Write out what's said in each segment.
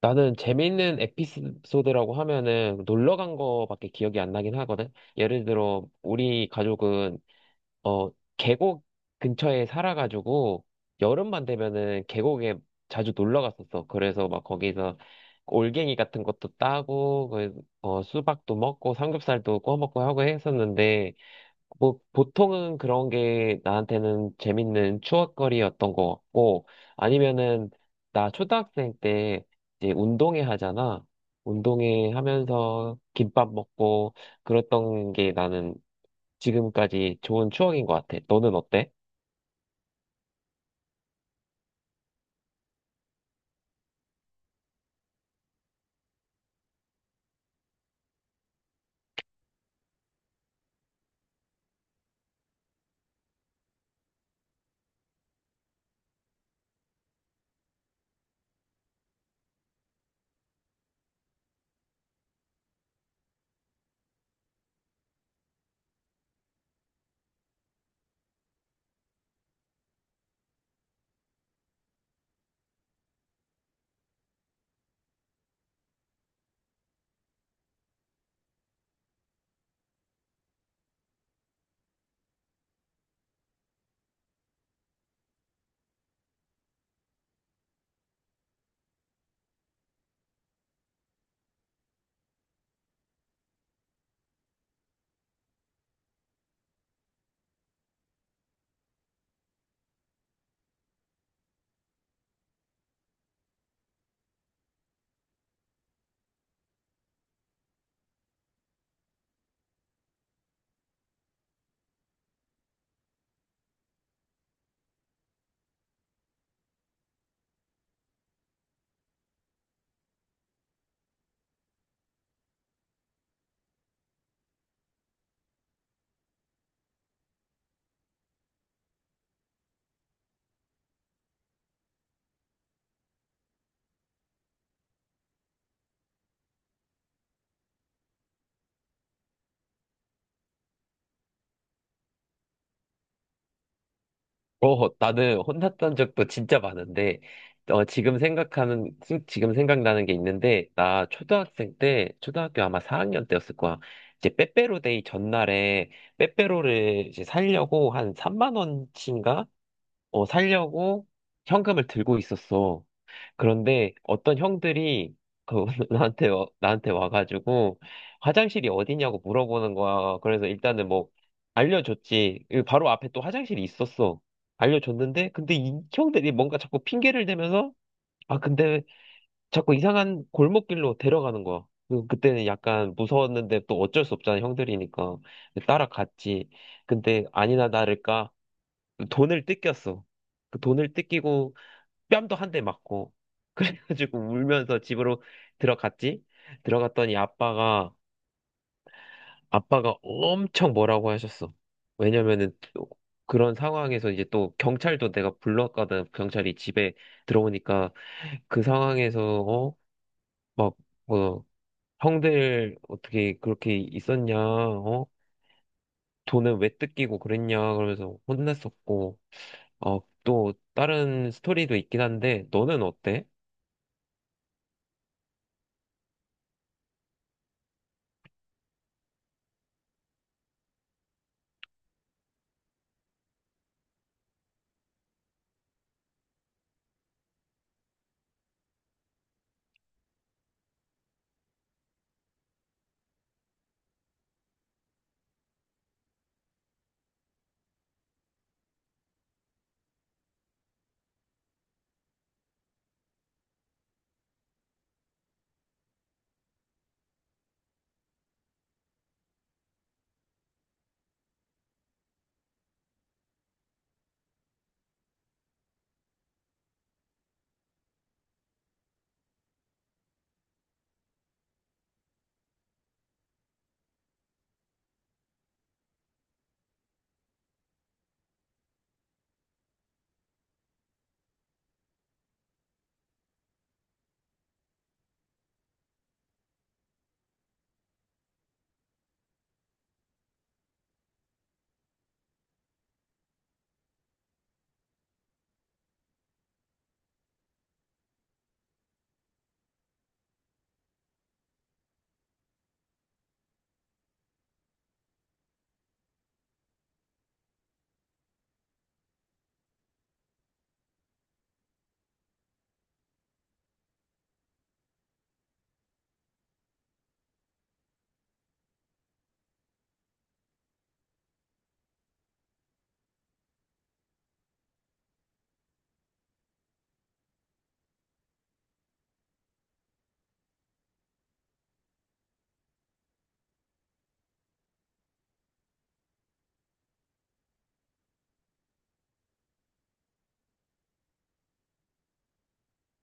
나는 재미있는 에피소드라고 하면은 놀러 간 거밖에 기억이 안 나긴 하거든. 예를 들어 우리 가족은 어 계곡 근처에 살아가지고 여름만 되면은 계곡에 자주 놀러 갔었어. 그래서 막 거기서 올갱이 같은 것도 따고 수박도 먹고 삼겹살도 구워 먹고 하고 했었는데 뭐, 보통은 그런 게 나한테는 재밌는 추억거리였던 것 같고, 아니면은, 나 초등학생 때 이제 운동회 하잖아. 운동회 하면서 김밥 먹고, 그랬던 게 나는 지금까지 좋은 추억인 것 같아. 너는 어때? 나는 혼났던 적도 진짜 많은데, 지금 생각나는 게 있는데, 나 초등학생 때, 초등학교 아마 4학년 때였을 거야. 이제 빼빼로데이 전날에 빼빼로를 이제 살려고 한 3만 원치인가? 살려고 현금을 들고 있었어. 그런데 어떤 형들이 그 나한테 와가지고 화장실이 어디냐고 물어보는 거야. 그래서 일단은 뭐 알려줬지. 이 바로 앞에 또 화장실이 있었어. 알려줬는데 근데 이 형들이 뭔가 자꾸 핑계를 대면서 근데 자꾸 이상한 골목길로 데려가는 거야. 그때는 약간 무서웠는데 또 어쩔 수 없잖아 형들이니까 따라갔지. 근데 아니나 다를까 돈을 뜯겼어. 그 돈을 뜯기고 뺨도 한 대 맞고 그래가지고 울면서 집으로 들어갔지. 들어갔더니 아빠가 엄청 뭐라고 하셨어. 왜냐면은 또 그런 상황에서 이제 또 경찰도 내가 불렀거든. 경찰이 집에 들어오니까 그 상황에서 어? 막 뭐, 형들 어떻게 그렇게 있었냐? 어? 돈은 왜 뜯기고 그랬냐? 그러면서 혼냈었고. 또 다른 스토리도 있긴 한데 너는 어때?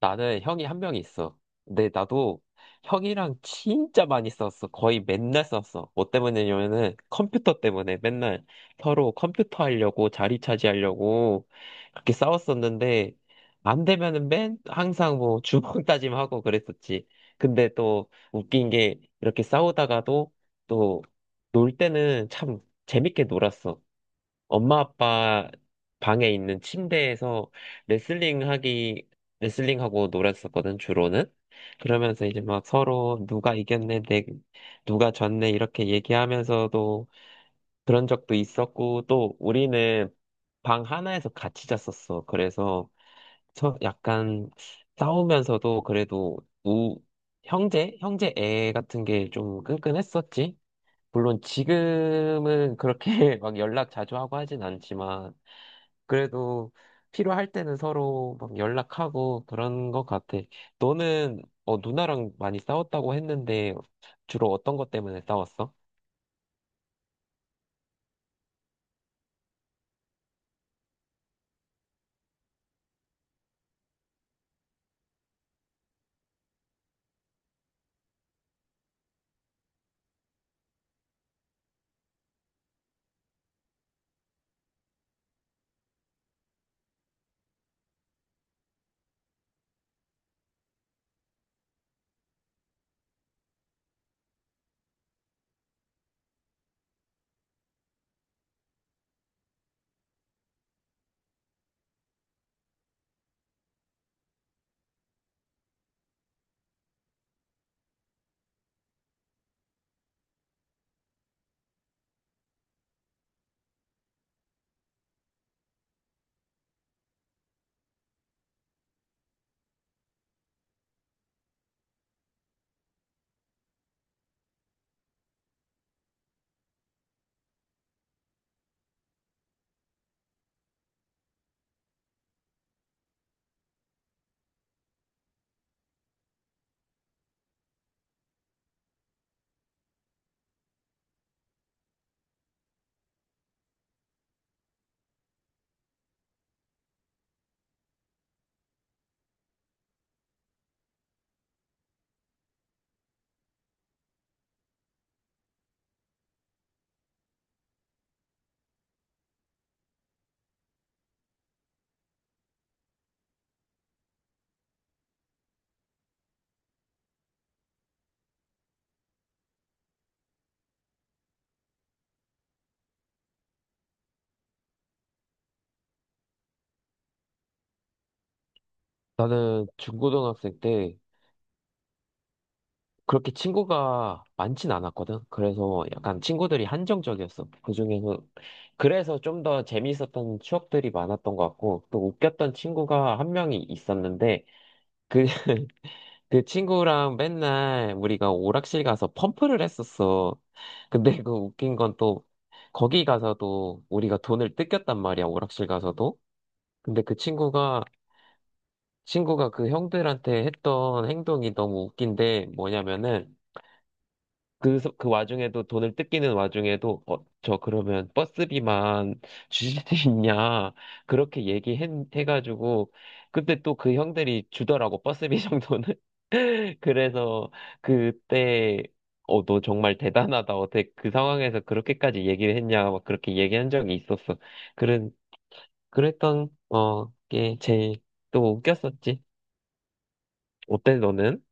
나는 형이 한 명 있어. 근데 나도 형이랑 진짜 많이 썼어. 거의 맨날 썼어. 뭐 때문이냐면은 컴퓨터 때문에 맨날 서로 컴퓨터 하려고 자리 차지하려고 그렇게 싸웠었는데 안 되면은 맨 항상 뭐 주먹 다짐하고 그랬었지. 근데 또 웃긴 게 이렇게 싸우다가도 또 놀 때는 참 재밌게 놀았어. 엄마 아빠 방에 있는 침대에서 레슬링 하기, 레슬링 하고 놀았었거든, 주로는. 그러면서 이제 막 서로 누가 이겼네, 내, 누가 졌네, 이렇게 얘기하면서도 그런 적도 있었고, 또 우리는 방 하나에서 같이 잤었어. 그래서 서- 약간 싸우면서도 그래도 우, 형제? 형제 애 같은 게 좀 끈끈했었지. 물론 지금은 그렇게 막 연락 자주 하고 하진 않지만, 그래도 필요할 때는 서로 막 연락하고 그런 것 같아. 너는 누나랑 많이 싸웠다고 했는데 주로 어떤 것 때문에 싸웠어? 나는 중고등학생 때 그렇게 친구가 많진 않았거든. 그래서 약간 친구들이 한정적이었어. 그중에서 그래서 좀 더 재미있었던 추억들이 많았던 것 같고 또 웃겼던 친구가 한 명이 있었는데 그 그 친구랑 맨날 우리가 오락실 가서 펌프를 했었어. 근데 그 웃긴 건 또 거기 가서도 우리가 돈을 뜯겼단 말이야, 오락실 가서도. 근데 그 친구가 그 형들한테 했던 행동이 너무 웃긴데 뭐냐면은 그 와중에도 돈을 뜯기는 와중에도 어, 저 그러면 버스비만 주실 수 있냐 그렇게 얘기해 해가지고 근데 또 그 형들이 주더라고 버스비 정도는. 그래서 그때 너 정말 대단하다. 어떻게 그 상황에서 그렇게까지 얘기를 했냐 막 그렇게 얘기한 적이 있었어. 그런 그랬던 어게 제일 또 웃겼었지. 어때 너는?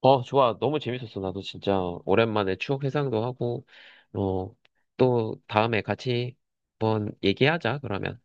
좋아. 너무 재밌었어. 나도 진짜 오랜만에 추억 회상도 하고, 어, 또 다음에 같이 한번 얘기하자, 그러면.